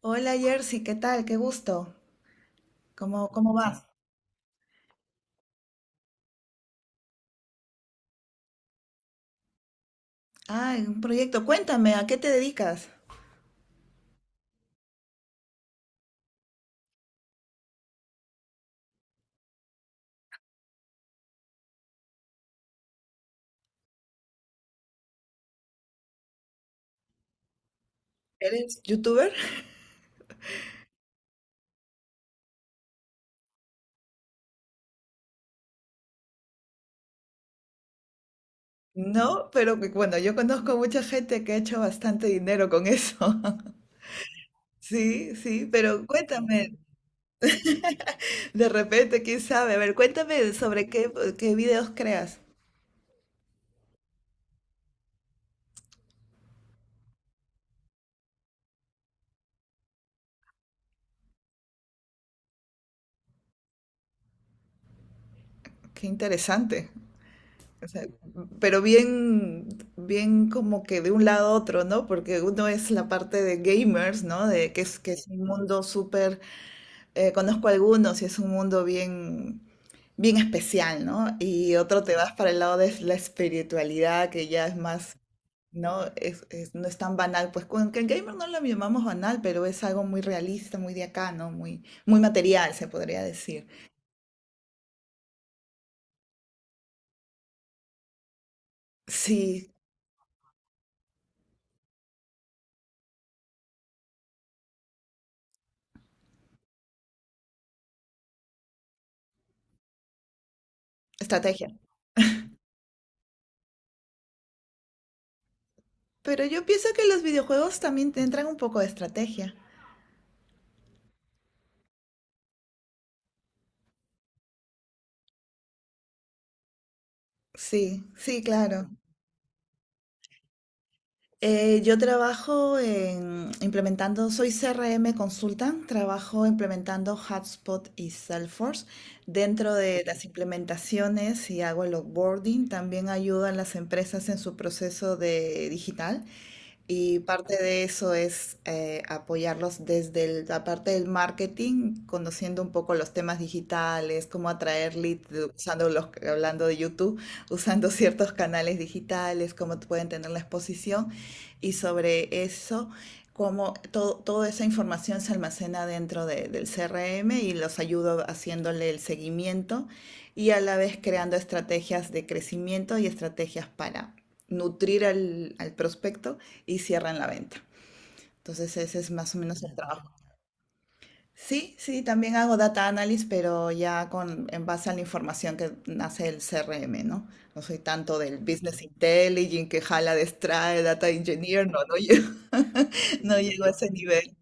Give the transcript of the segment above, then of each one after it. Hola Jersey, ¿qué tal? Qué gusto. ¿Cómo vas? Ah, un proyecto. Cuéntame, ¿a qué te dedicas? ¿Eres youtuber? No, pero yo conozco mucha gente que ha hecho bastante dinero con eso. Sí, sí, pero cuéntame, de repente, quién sabe. A ver, cuéntame sobre qué videos creas. Qué interesante. O sea, pero bien, bien como que de un lado a otro, ¿no? Porque uno es la parte de gamers, ¿no? Que es un mundo súper conozco algunos y es un mundo bien, bien especial, ¿no? Y otro te vas para el lado de la espiritualidad, que ya es más, ¿no? No es tan banal. Pues con que el gamer no lo llamamos banal, pero es algo muy realista, muy de acá, ¿no? Muy, muy material, se podría decir. Sí, estrategia. Pero yo pienso que los videojuegos también te entran un poco de estrategia. Sí, sí, claro. Yo trabajo en implementando, soy CRM Consultant, trabajo implementando HubSpot y Salesforce. Dentro de las implementaciones y hago el onboarding, también ayudo a las empresas en su proceso de digital. Y parte de eso es apoyarlos desde la parte del marketing, conociendo un poco los temas digitales, cómo atraer leads usando los, hablando de YouTube, usando ciertos canales digitales, cómo pueden tener la exposición y sobre eso, cómo toda esa información se almacena dentro del CRM y los ayudo haciéndole el seguimiento y a la vez creando estrategias de crecimiento y estrategias para nutrir al, al prospecto y cierran la venta. Entonces ese es más o menos el trabajo. Sí, sí, también hago data analysis, pero ya con, en base a la información que nace el CRM, ¿no? No soy tanto del business intelligence que jala, destrae, data engineer, no, no, no llego a ese nivel.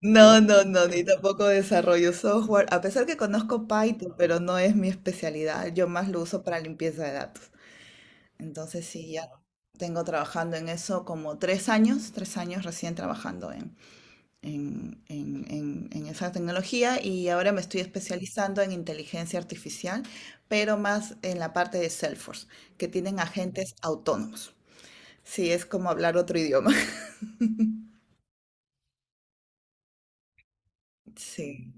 No, no, no, ni tampoco desarrollo software, a pesar que conozco Python, pero no es mi especialidad, yo más lo uso para limpieza de datos. Entonces sí, ya tengo trabajando en eso como tres años recién trabajando en, en esa tecnología y ahora me estoy especializando en inteligencia artificial, pero más en la parte de Salesforce, que tienen agentes autónomos. Sí, es como hablar otro idioma. Sí.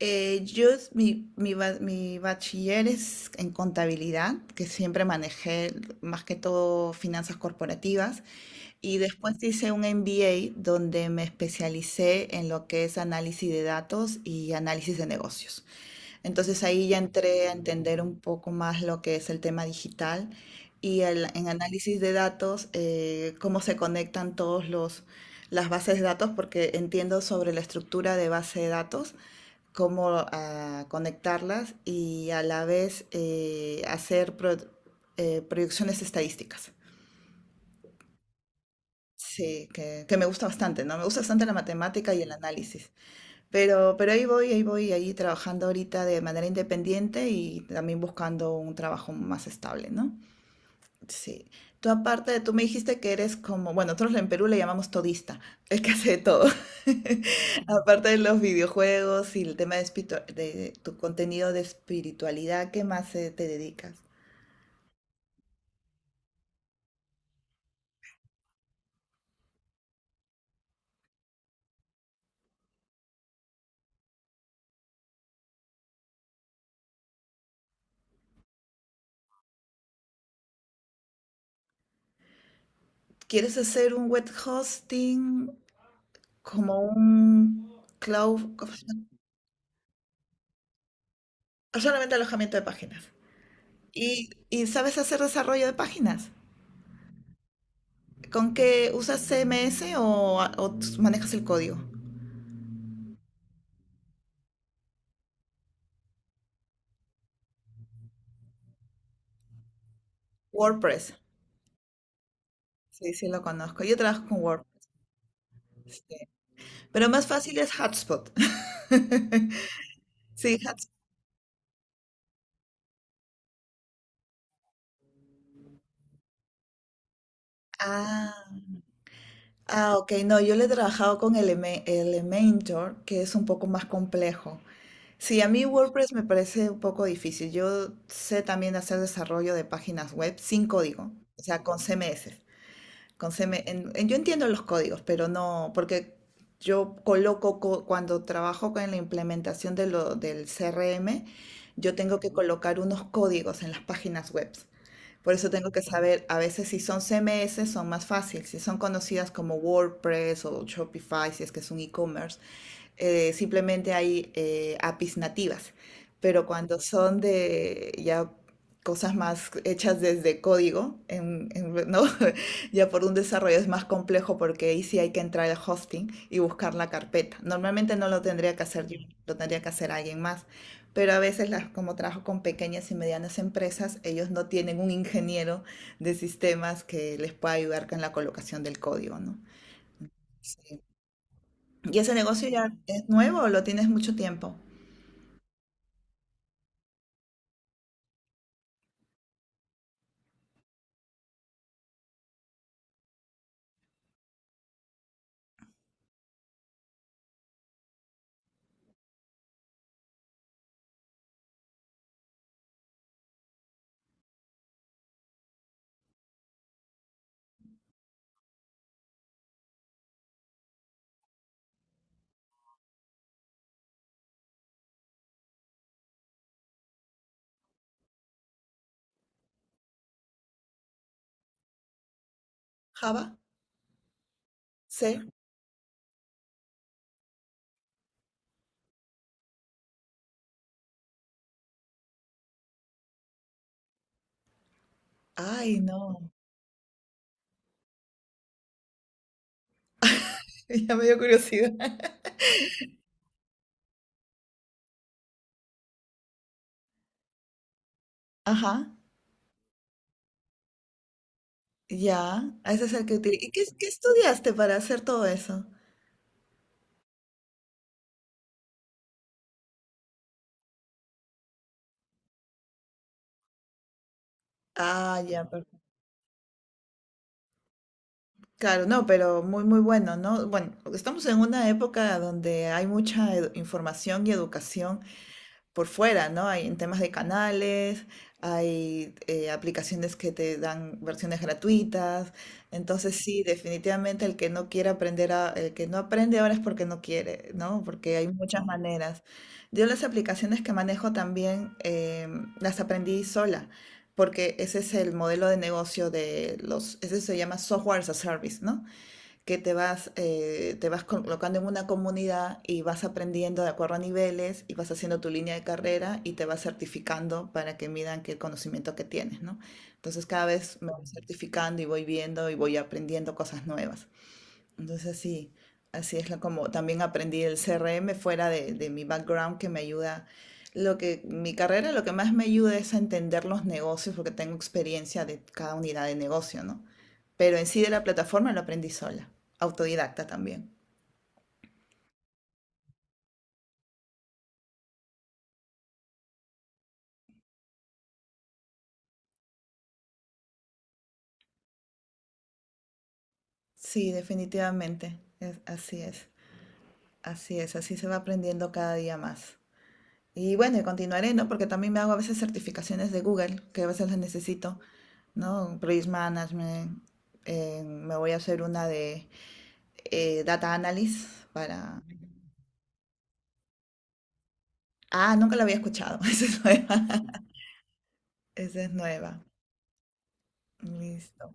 Yo, es- mi, ba- mi bachiller es en contabilidad, que siempre manejé más que todo finanzas corporativas, y después hice un MBA donde me especialicé en lo que es análisis de datos y análisis de negocios. Entonces ahí ya entré a entender un poco más lo que es el tema digital y en análisis de datos, cómo se conectan todos los, las bases de datos, porque entiendo sobre la estructura de base de datos, cómo ah, conectarlas y a la vez hacer proyecciones estadísticas. Sí, que me gusta bastante, ¿no? Me gusta bastante la matemática y el análisis. Pero ahí voy, ahí trabajando ahorita de manera independiente y también buscando un trabajo más estable, ¿no? Sí. Tú aparte, tú me dijiste que eres como, bueno, nosotros en Perú le llamamos todista, el que hace de todo. Aparte de los videojuegos y el tema de, de tu contenido de espiritualidad, ¿qué más te dedicas? ¿Quieres hacer un web hosting como un cloud? ¿Cómo se llama? Solamente alojamiento de páginas. Y sabes hacer desarrollo de páginas? ¿Con qué usas CMS o manejas el código? WordPress. Sí, sí lo conozco. Yo trabajo con WordPress. Sí. Pero más fácil es Hotspot. Sí, Hotspot. Ah, ah, ok. No, yo le he trabajado con Elementor, que es un poco más complejo. Sí, a mí WordPress me parece un poco difícil. Yo sé también hacer desarrollo de páginas web sin código, o sea, con CMS. Con CM yo entiendo los códigos, pero no, porque yo coloco, cuando trabajo con la implementación de lo, del CRM, yo tengo que Ujú. Colocar unos códigos en las páginas web. Por eso tengo que saber, a veces si son CMS son más fáciles, si son conocidas como WordPress o Shopify, si es que es un e-commerce, simplemente hay APIs nativas, pero cuando son de ya cosas más hechas desde código, ¿no? ya por un desarrollo es más complejo porque ahí sí hay que entrar al hosting y buscar la carpeta. Normalmente no lo tendría que hacer yo, lo tendría que hacer alguien más, pero a veces las, como trabajo con pequeñas y medianas empresas, ellos no tienen un ingeniero de sistemas que les pueda ayudar con la colocación del código, ¿no? ¿Y ese negocio ya es nuevo o lo tienes mucho tiempo? Java, C. Ay, no. Ya me dio curiosidad. Ajá, ya. Ese es el que utilizo. ¿Y qué estudiaste para hacer todo eso? Ah, ya, claro, no, pero muy, muy bueno, ¿no? Bueno, estamos en una época donde hay mucha información y educación por fuera, ¿no? Hay en temas de canales, hay aplicaciones que te dan versiones gratuitas. Entonces, sí, definitivamente el que no quiere aprender, el que no aprende ahora es porque no quiere, ¿no? Porque hay muchas maneras. Yo las aplicaciones que manejo también las aprendí sola, porque ese es el modelo de negocio de los, ese se llama software as a service, ¿no? Que te vas colocando en una comunidad y vas aprendiendo de acuerdo a niveles y vas haciendo tu línea de carrera y te vas certificando para que midan que el conocimiento que tienes, ¿no? Entonces cada vez me voy certificando y voy viendo y voy aprendiendo cosas nuevas. Entonces así, como también aprendí el CRM fuera de mi background que me ayuda. Lo que mi carrera lo que más me ayuda es a entender los negocios porque tengo experiencia de cada unidad de negocio, ¿no? Pero en sí de la plataforma lo aprendí sola, autodidacta también. Sí, definitivamente. Así es, así es, así se va aprendiendo cada día más. Y bueno, y continuaré, ¿no? Porque también me hago a veces certificaciones de Google, que a veces las necesito. ¿No? Risk Management. Me voy a hacer una de Data Analysis para... Ah, nunca la había escuchado. Esa es nueva. Esa es nueva. Listo.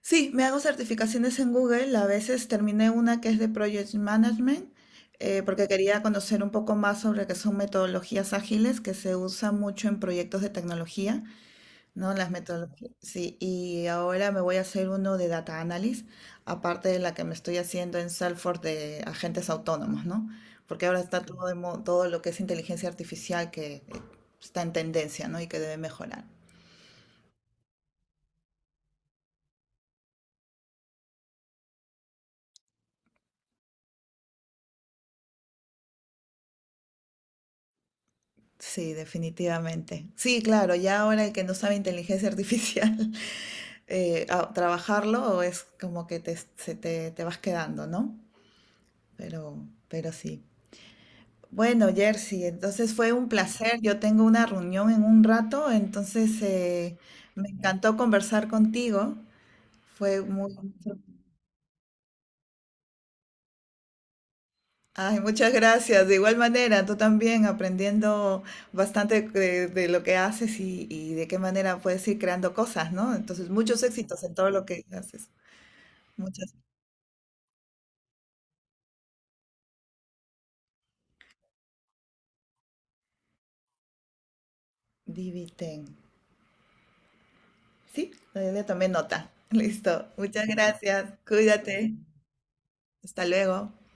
Sí, me hago certificaciones en Google. A veces terminé una que es de Project Management, porque quería conocer un poco más sobre qué son metodologías ágiles que se usan mucho en proyectos de tecnología. No, las metodologías. Sí, y ahora me voy a hacer uno de data analysis, aparte de la que me estoy haciendo en Salesforce de agentes autónomos, ¿no? Porque ahora está todo, todo lo que es inteligencia artificial que está en tendencia, ¿no? Y que debe mejorar. Sí, definitivamente. Sí, claro, ya ahora el que no sabe inteligencia artificial, trabajarlo es como que te, se te, te vas quedando, ¿no? Pero sí. Bueno, Jersey, entonces fue un placer. Yo tengo una reunión en un rato, entonces me encantó conversar contigo. Fue muy... Ay, muchas gracias. De igual manera, tú también aprendiendo bastante de lo que haces y de qué manera puedes ir creando cosas, ¿no? Entonces, muchos éxitos en todo lo que haces. Muchas. Diviten. Sí, le también nota. Listo. Muchas gracias. Cuídate. Hasta luego.